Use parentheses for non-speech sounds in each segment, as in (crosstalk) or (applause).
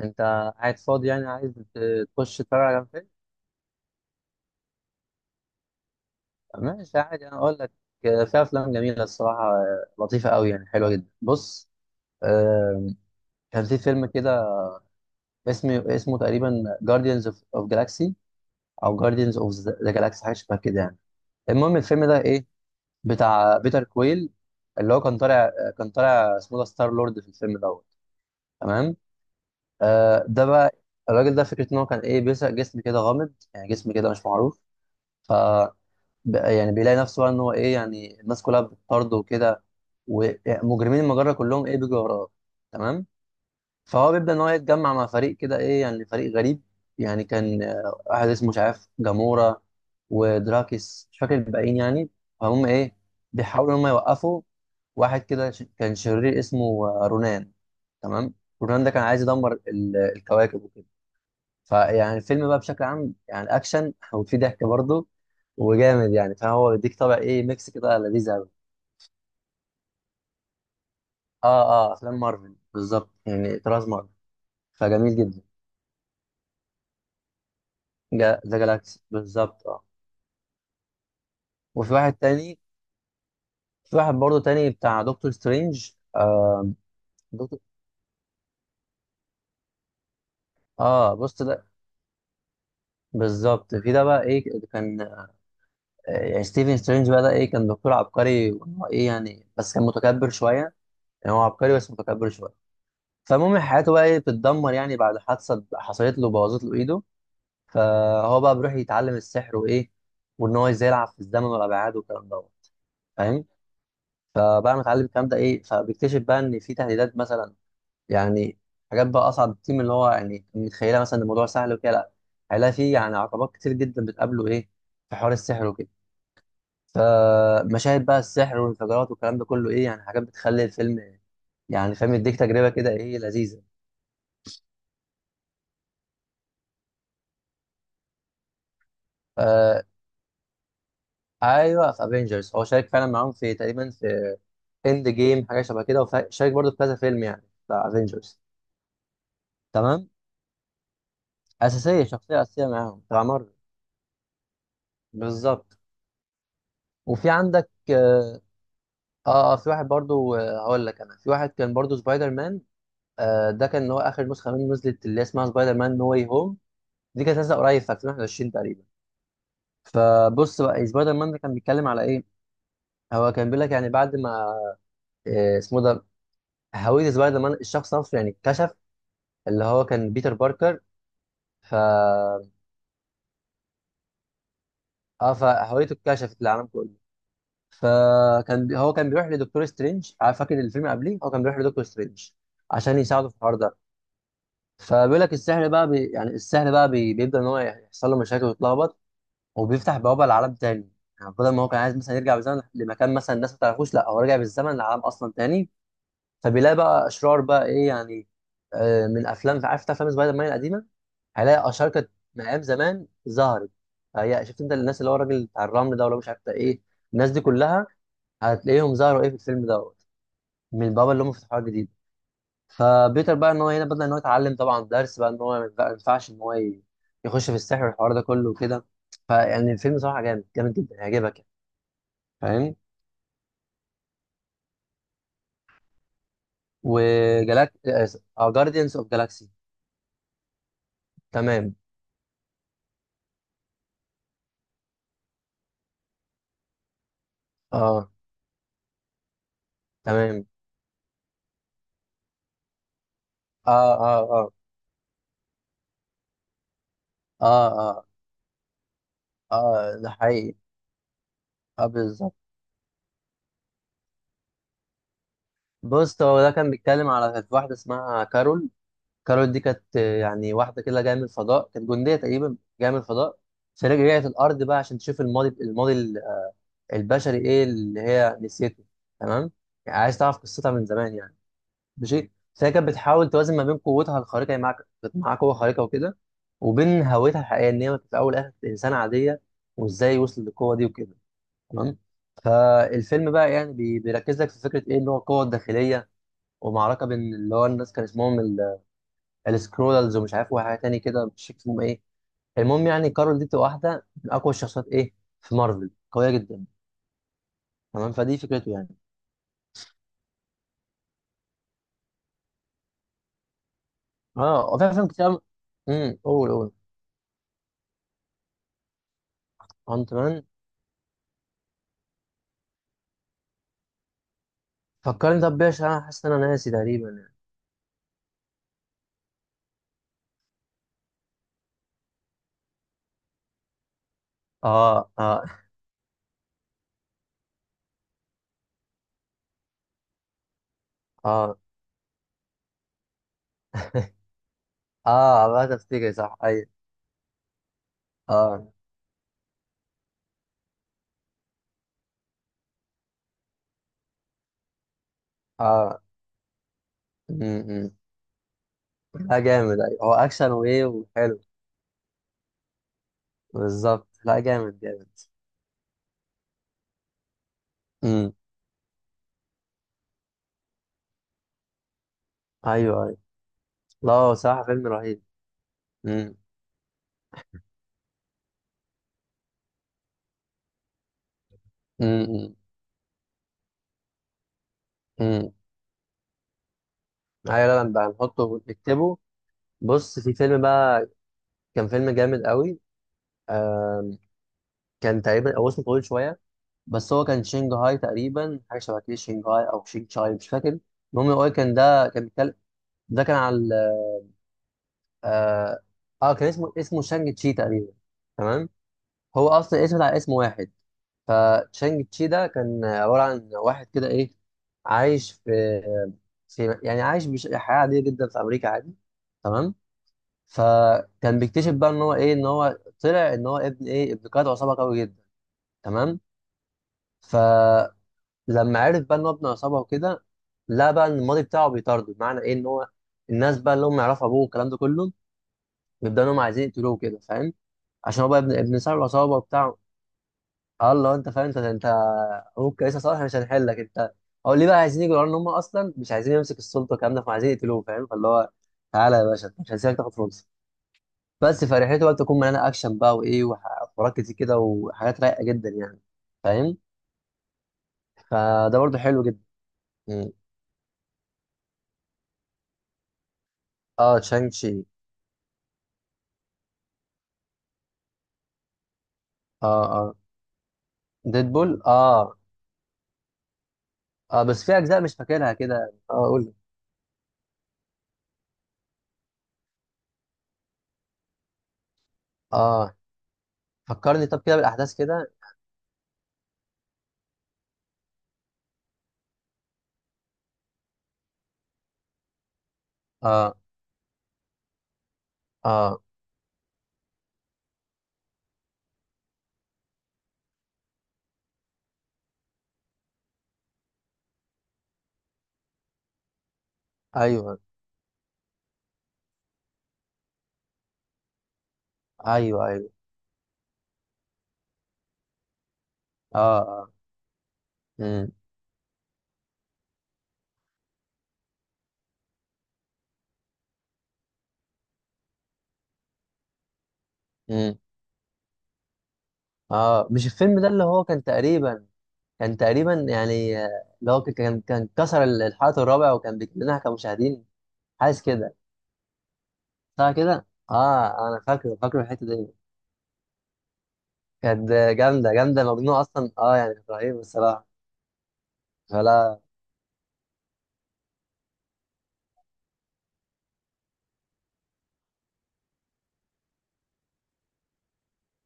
انت قاعد فاضي، يعني عايز تخش تتفرج على فيلم؟ ماشي، عادي، انا اقول لك. في افلام جميله الصراحه، لطيفه قوي، يعني حلوه جدا. بص، آه، كان في فيلم كده، اسمه تقريبا جارديانز اوف جالاكسي، او جارديانز اوف ذا جالاكسي، حاجه شبه كده يعني. المهم الفيلم ده ايه، بتاع بيتر كويل، اللي هو كان طالع اسمه ده ستار لورد في الفيلم دوت. تمام. ده بقى الراجل ده، فكرة إن هو كان إيه، بيسرق جسم كده غامض، يعني جسم كده مش معروف. بقى يعني بيلاقي نفسه بقى ان هو ايه، يعني الناس كلها بتطارده وكده، ومجرمين المجرة كلهم ايه بيجوا وراه. تمام. فهو بيبدأ ان هو يتجمع مع فريق كده ايه، يعني فريق غريب. يعني كان واحد اسمه مش عارف جامورا ودراكس، مش فاكر الباقيين يعني. فهم ايه بيحاولوا ان هم يوقفوا واحد كده كان شرير اسمه رونان. تمام. رونان ده كان عايز يدمر الكواكب وكده. فيعني الفيلم بقى بشكل عام يعني اكشن (laughs) وفي ضحك برضه وجامد يعني، فهو بيديك طبع ايه ميكس كده لذيذ قوي. اه. اه، افلام مارفل بالظبط، يعني طراز مارفل. فجميل جدا. جا ذا جالاكسي بالظبط، اه. وفي واحد تاني، في واحد برضه تاني بتاع دكتور سترينج، آه. دكتور، اه بص ده بالظبط. في ده بقى ايه، كان يعني ستيفن سترينج بقى ده ايه، كان دكتور عبقري، وإن هو ايه يعني، بس كان متكبر شويه. يعني هو عبقري بس متكبر شويه. فالمهم حياته بقى ايه بتتدمر، يعني بعد حادثه حصلت له بوظت له ايده. فهو بقى بيروح يتعلم السحر وايه، وان هو ازاي يلعب في الزمن والابعاد والكلام دوت. فاهم. فبعد ما اتعلم الكلام ده ايه، فبيكتشف بقى ان في تهديدات مثلا. يعني حاجات بقى اصعب بكتير من اللي هو يعني متخيلها، مثلا إن الموضوع سهل وكده لا. هيلاقي فيه يعني عقبات كتير جدا بتقابله ايه في حوار السحر وكده. فمشاهد بقى السحر والانفجارات والكلام ده كله ايه، يعني حاجات بتخلي الفيلم يعني فاهم يديك تجربه كده ايه لذيذه. ايوه في افنجرز، هو شارك فعلا معاهم في تقريبا في اند جيم، حاجه شبه كده، وشارك برضه في كذا فيلم يعني بتاع افنجرز. تمام. اساسيه، شخصيه اساسيه معاهم بتاع مارفل. بالظبط. وفي عندك اه. اه، في واحد برضه، هقول لك انا، في واحد كان برضه سبايدر مان. آه، ده كان اللي هو اخر نسخه منه نزلت اللي اسمها سبايدر مان نو واي هوم. دي كانت نازله قريب في 2021 تقريبا. فبص بقى، سبايدر مان ده كان بيتكلم على ايه. هو كان بيقول لك يعني بعد ما اسمه ده، هويه سبايدر مان الشخص نفسه يعني اتكشف، اللي هو كان بيتر باركر. ف، اه، فهويته اتكشفت للعالم كله. فكان هو كان بيروح لدكتور سترينج، عارف فاكر الفيلم قبليه، هو كان بيروح لدكتور سترينج عشان يساعده في الحوار ده. فبيقول لك السحر بقى يعني السحر بقى بيبدا ان هو يحصل له مشاكل ويتلخبط، وبيفتح بوابه لعالم تاني. يعني بدل ما هو كان عايز مثلا يرجع بالزمن لمكان مثلا الناس ما تعرفوش، لا هو رجع بالزمن لعالم اصلا تاني. فبيلاقي بقى اشرار بقى ايه يعني، من افلام، عارف افلام سبايدر مان القديمه، هيلاقي اشرار كانت من ايام زمان ظهرت. فهي شفت انت الناس، اللي هو الراجل بتاع الرمل ده ولا مش عارف بتاع ايه، الناس دي كلها هتلاقيهم ظهروا ايه في الفيلم دوت، من البوابه اللي هم فتحوها جديد. فبيتر بقى ان هو هنا بدأ ان هو يتعلم طبعا درس بقى ان هو ما ينفعش ان هو يخش في السحر والحوار ده كله وكده. فيعني الفيلم صراحه جامد، جامد جدا، هيعجبك يعني. فاهم. وجالاك، اه جارديانز اوف جالاكسي. تمام. اه. تمام. اه اه اه. اه اه اه. ده حقيقي. اه بالظبط. بص، هو ده كان بيتكلم على كانت واحدة اسمها كارول. كارول دي كانت، يعني واحدة كده جاية من الفضاء، كانت جندية تقريبا جاية من الفضاء. فرجعت الأرض بقى عشان تشوف الماضي، الماضي البشري إيه اللي هي نسيته. تمام. يعني عايز تعرف قصتها من زمان يعني. ماشي. فهي كانت بتحاول توازن ما بين قوتها الخارقة، يعني كانت معاها قوة خارقة وكده، وبين هويتها الحقيقية إن هي في الأول والآخر كانت إنسانة عادية، وإزاي وصلت للقوة دي وكده. تمام. فالفيلم بقى يعني بيركز لك في فكره ايه اللي هو القوه الداخليه. ومعركه بين اللي هو الناس، كان اسمهم السكرولز، ومش عارف وحاجه تاني كده مش فاكر اسمهم ايه. المهم يعني كارول دي بتبقى واحده من اقوى الشخصيات ايه في مارفل، قويه جدا. تمام، فدي فكرته يعني. اه، وفي افلام كتير أوي، قول قول. انت مان، فكرني طب بيش، انا حاسس ان انا ناسي تقريبا يعني. اه اه اه. (laughs) اه بقى تفتكر، صح ايوه. اه اه. امم. لا، جامد. ايوه هو اكشن وايه وحلو. بالظبط لا، جامد جامد. امم. ايوه ايوه. لا، هو صراحه فيلم رهيب. امم. امم. امم. ايوه، لا لا بقى، نحطه نكتبه. بص، في فيلم بقى كان فيلم جامد قوي. كان تقريبا، او اسمه طويل شويه، بس هو كان شنغهاي تقريبا، حاجه شبه كده، شنغهاي او شنغهاي، مش فاكر. المهم هو كان، ده كان بيتكلم، ده كان على اه، كان اسمه، اسمه شانج تشي تقريبا. تمام. هو اصلا اسم على اسم واحد. فتشانج تشي ده كان عبارة عن واحد كده إيه، عايش في، يعني عايش حياة عادية جدا في أمريكا، عادي. تمام. فكان بيكتشف بقى إن هو إيه، إن هو طلع إن هو ابن، إيه، ابن قائد عصابة قوي جدا. تمام. فلما عرف بقى إن هو ابن عصابة وكده، لا بقى إن الماضي بتاعه بيطارده، بمعنى إيه، إن هو الناس بقى اللي هم يعرفوا أبوه والكلام ده كله بيبدأوا إن هم عايزين يقتلوه كده، فاهم؟ عشان هو بقى ابن، صاحب العصابة وبتاع. اه، اللي هو انت فاهم، انت انت ممكن لسه صالح، مش هنحلك انت، هو ليه بقى عايزين يجوا يقولوا ان هم اصلا مش عايزين يمسك السلطه والكلام ده، فعايزين يقتلوه، فاهم؟ فاللي هو تعالى يا باشا، مش هنسيبك تاخد فرصه. بس فرحته بقى بتكون مليانه اكشن بقى وايه وحوارات كتير كده وحاجات رايقه جدا يعني، فاهم؟ فده برضو حلو جدا. مم. اه تشانج شي. اه اه. ديدبول، اه اه، بس في اجزاء مش فاكرها كده، اه قول. اه، فكرني طب كده بالاحداث كده. اه اه. ايوه ايوه. ايوه. اه اه. مم. مم. اه، مش الفيلم ده اللي هو كان تقريبا، كان تقريبا يعني اللي هو كان كسر الحلقة الرابع وكان بيكلمنا كمشاهدين، حاسس كده، صح كده، اه انا فاكره، فاكره الحتة دي. كانت جامدة جامدة، مجنونة اصلا، اه يعني كانت رهيبة الصراحة. فلا،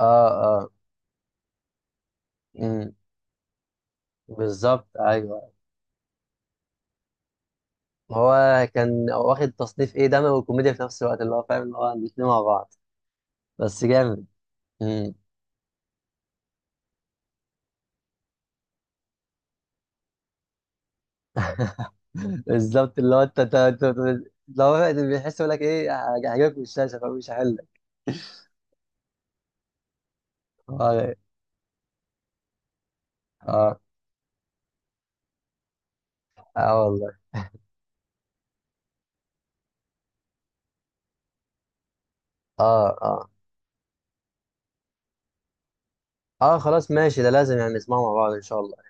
اه اه. امم. بالظبط ايوه. هو كان واخد تصنيف ايه، دموي وكوميديا في نفس الوقت، اللي هو فاهم اللي هو الاتنين مع بعض. بس جامد. امم. (laughs) بالظبط، اللي هو انت، لو هو بيحس يقول لك ايه، هجيبك من الشاشه فمش هحلك. اه اه. اه والله اه اه. اه خلاص ماشي، ده لازم يعني نسمعه مع بعض ان شاء الله.